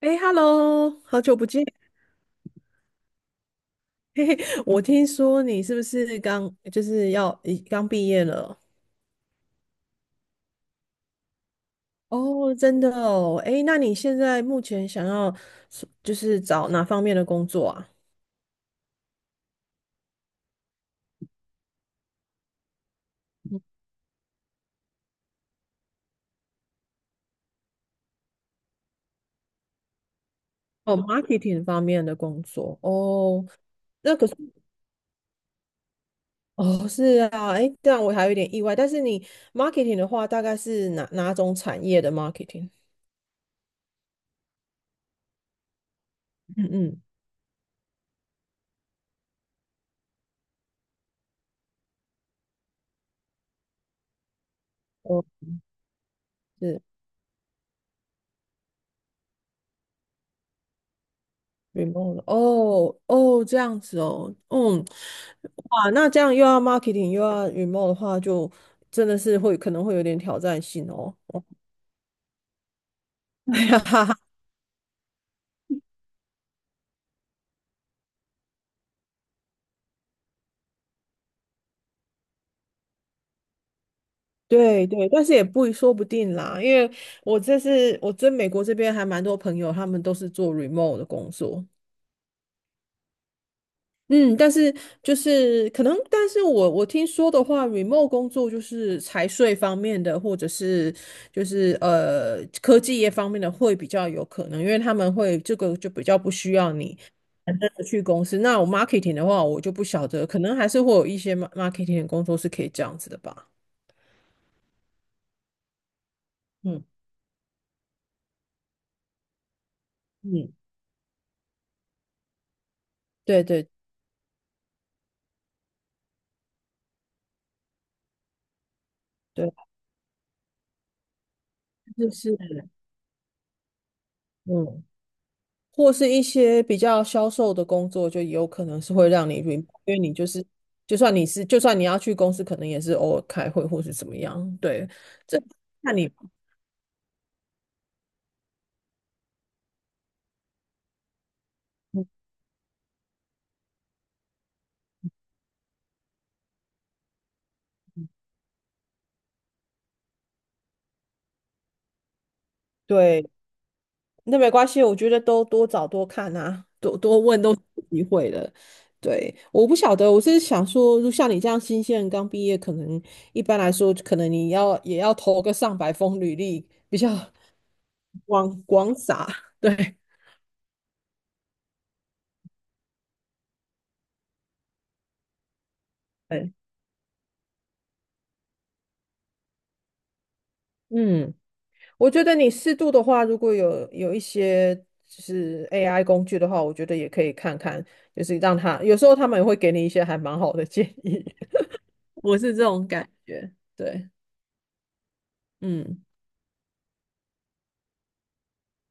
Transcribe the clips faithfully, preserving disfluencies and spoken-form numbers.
哎，Hello，好久不见。嘿嘿，我听说你是不是刚就是要已刚毕业了？哦，真的哦。哎，那你现在目前想要是就是找哪方面的工作啊？哦，marketing 方面的工作。哦，那可是哦，是啊。哎，这样我还有点意外。但是你 marketing 的话，大概是哪哪种产业的 marketing？嗯嗯，哦，是。remote 哦哦，这样子哦，嗯，哇，那这样又要 marketing 又要 remote 的话，就真的是会可能会有点挑战性哦。哎呀哈哈对对，但是也不说不定啦，因为我这是我在美国这边还蛮多朋友，他们都是做 remote 的工作。嗯，但是就是可能，但是我我听说的话，remote 工作就是财税方面的，或者是就是呃科技业方面的会比较有可能，因为他们会这个就比较不需要你真的去公司。那我 marketing 的话，我就不晓得，可能还是会有一些 ma- marketing 的工作是可以这样子的吧。嗯嗯，对对对，就是嗯。或是一些比较销售的工作，就有可能是会让你 r e 因为你就是，就算你是，就算你要去公司，可能也是偶尔开会或是怎么样。对，这看你，嗯对，那没关系，我觉得都多找多看啊，多多问都是有机会的。对，我不晓得，我是想说，就像你这样新鲜人刚毕业，可能一般来说，可能你要也要投个上百封履历，比较 广广撒。对，对，嗯。我觉得你适度的话，如果有有一些就是 A I 工具的话，我觉得也可以看看，就是让它有时候他们也会给你一些还蛮好的建议，我是这种感觉。对，嗯，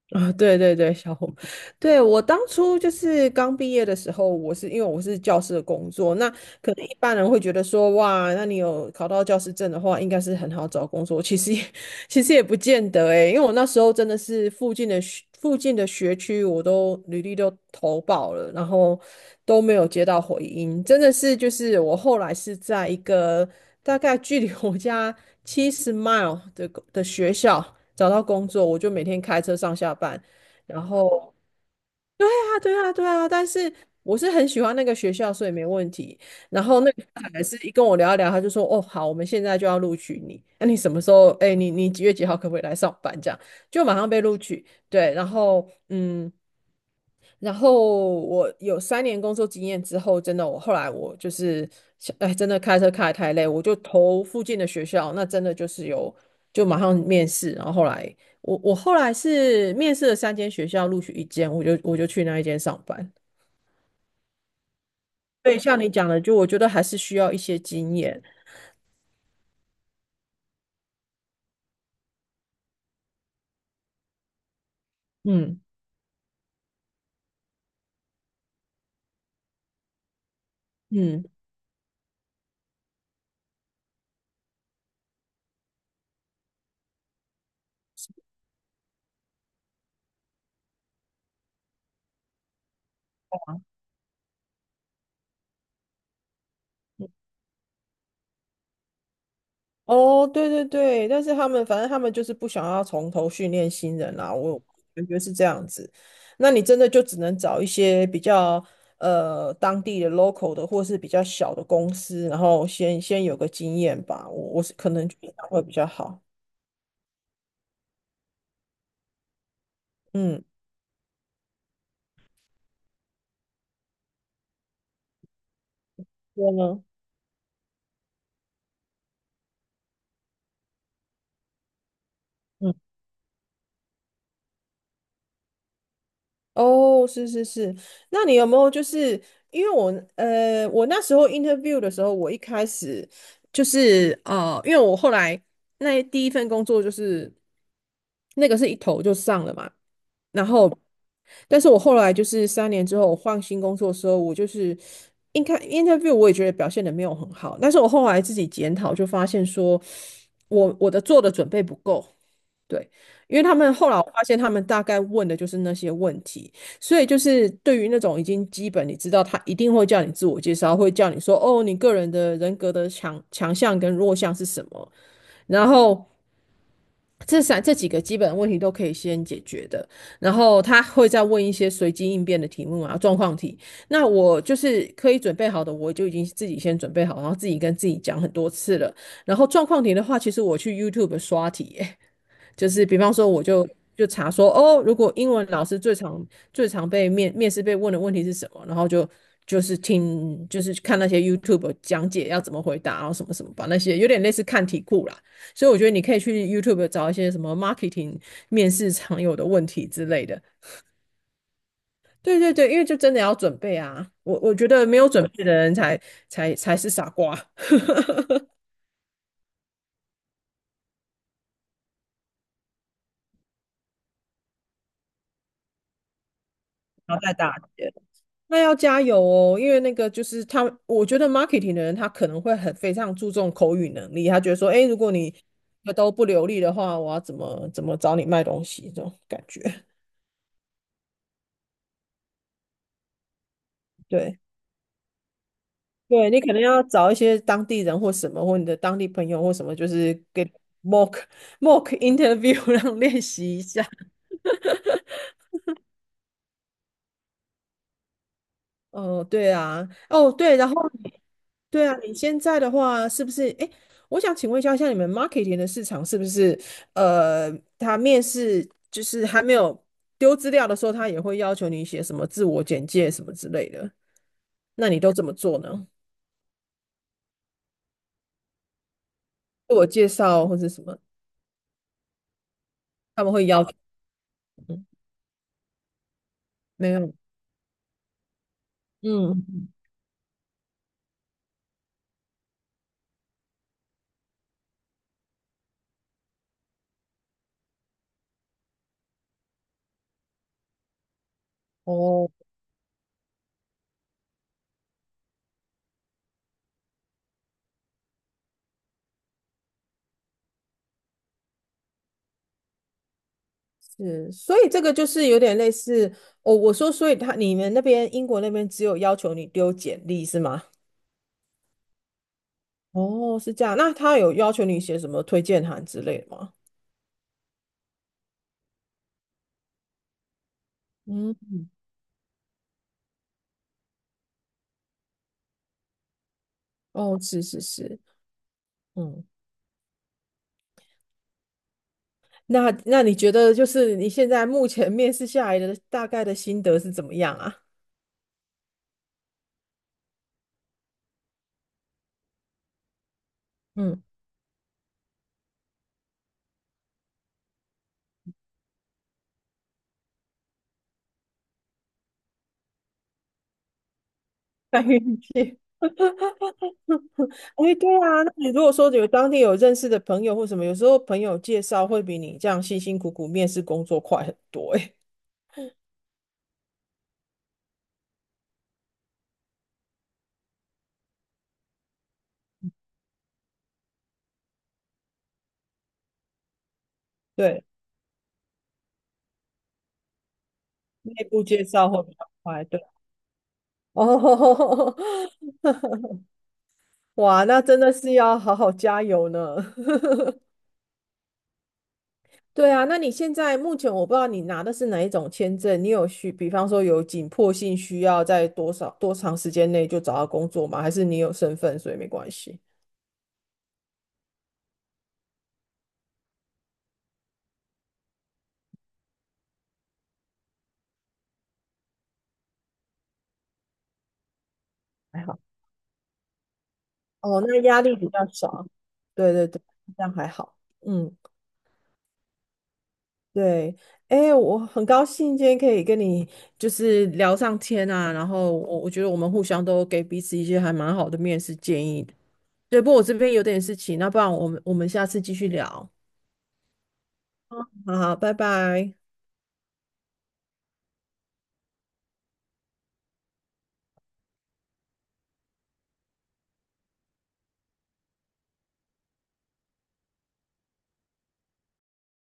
啊，对对对，小红，对我当初就是刚毕业的时候，我是因为我是教师的工作，那可能一般人会觉得说，哇，那你有考到教师证的话，应该是很好找工作，其实也其实也不见得诶，因为我那时候真的是附近的学附近的学区，我都履历都投保了，然后都没有接到回音，真的是就是我后来是在一个大概距离我家七十 mile 的公的学校找到工作，我就每天开车上下班，然后。对啊，对啊，对啊，但是我是很喜欢那个学校，所以没问题。然后那个小孩是一跟我聊一聊，他就说：“哦，好，我们现在就要录取你。那你什么时候？哎，你你几月几号可不可以来上班？”这样就马上被录取。对，然后嗯，然后我有三年工作经验之后，真的我后来我就是哎，真的开车开得太累，我就投附近的学校，那真的就是有就马上面试。然后后来我我后来是面试了三间学校，录取一间，我就我就去那一间上班。对，像你讲的，就我觉得还是需要一些经验。嗯嗯，哦，对对对，但是他们反正他们就是不想要从头训练新人啦，我感觉是这样子。那你真的就只能找一些比较呃当地的 local 的，或是比较小的公司，然后先先有个经验吧。我我是可能觉得会比较好。嗯，我呢？嗯。哦，是是是，那你有没有就是因为我呃，我那时候 interview 的时候，我一开始就是啊，因为我后来那第一份工作就是那个是一投就上了嘛，然后但是我后来就是三年之后我换新工作的时候，我就是应该 interview 我也觉得表现的没有很好，但是我后来自己检讨就发现说我我的做的准备不够。对，因为他们后来我发现，他们大概问的就是那些问题，所以就是对于那种已经基本你知道，他一定会叫你自我介绍，会叫你说哦，你个人的人格的强强项跟弱项是什么，然后这三这几个基本问题都可以先解决的，然后他会再问一些随机应变的题目啊，状况题。那我就是可以准备好的，我就已经自己先准备好，然后自己跟自己讲很多次了。然后状况题的话，其实我去 YouTube 刷题。就是比方说，我就就查说，哦，如果英文老师最常最常被面面试被问的问题是什么，然后就就是听就是看那些 YouTube 讲解要怎么回答啊，然后什么什么把那些有点类似看题库啦。所以我觉得你可以去 YouTube 找一些什么 marketing 面试常有的问题之类的。对对对，因为就真的要准备啊，我我觉得没有准备的人才才才是傻瓜，然后再打结。那要加油哦，因为那个就是他，我觉得 marketing 的人他可能会很非常注重口语能力，他觉得说，哎，如果你都不流利的话，我要怎么怎么找你卖东西这种感觉。对，对你可能要找一些当地人或什么，或你的当地朋友或什么，就是给 mock mock interview 让练习一下。哦，对啊，哦对，然后对啊，你现在的话是不是？哎，我想请问一下，像你们 marketing 的市场是不是？呃，他面试就是还没有丢资料的时候，他也会要求你写什么自我简介什么之类的，那你都怎么做呢？自我介绍或者什么，他们会要求吗没有？嗯，哦，是，所以这个就是有点类似哦。我说，所以他你们那边英国那边只有要求你丢简历是吗？哦，是这样。那他有要求你写什么推荐函之类的吗？嗯，哦，是是是，嗯，那那你觉得就是你现在目前面试下来的大概的心得是怎么样啊？嗯，看运气。哎，对啊，那你如果说有当地有认识的朋友或什么，有时候朋友介绍会比你这样辛辛苦苦面试工作快很多、哎，对，内部介绍会比较快，对。哦，哇，那真的是要好好加油呢。对啊，那你现在目前我不知道你拿的是哪一种签证，你有需，比方说有紧迫性需要在多少多长时间内就找到工作吗？还是你有身份，所以没关系？还好。哦，那压力比较少。对对对，这样还好。嗯，对。哎，我很高兴今天可以跟你就是聊上天啊，然后我我觉得我们互相都给彼此一些还蛮好的面试建议的。对，不过我这边有点事情，那不然我们我们下次继续聊。好好，拜拜。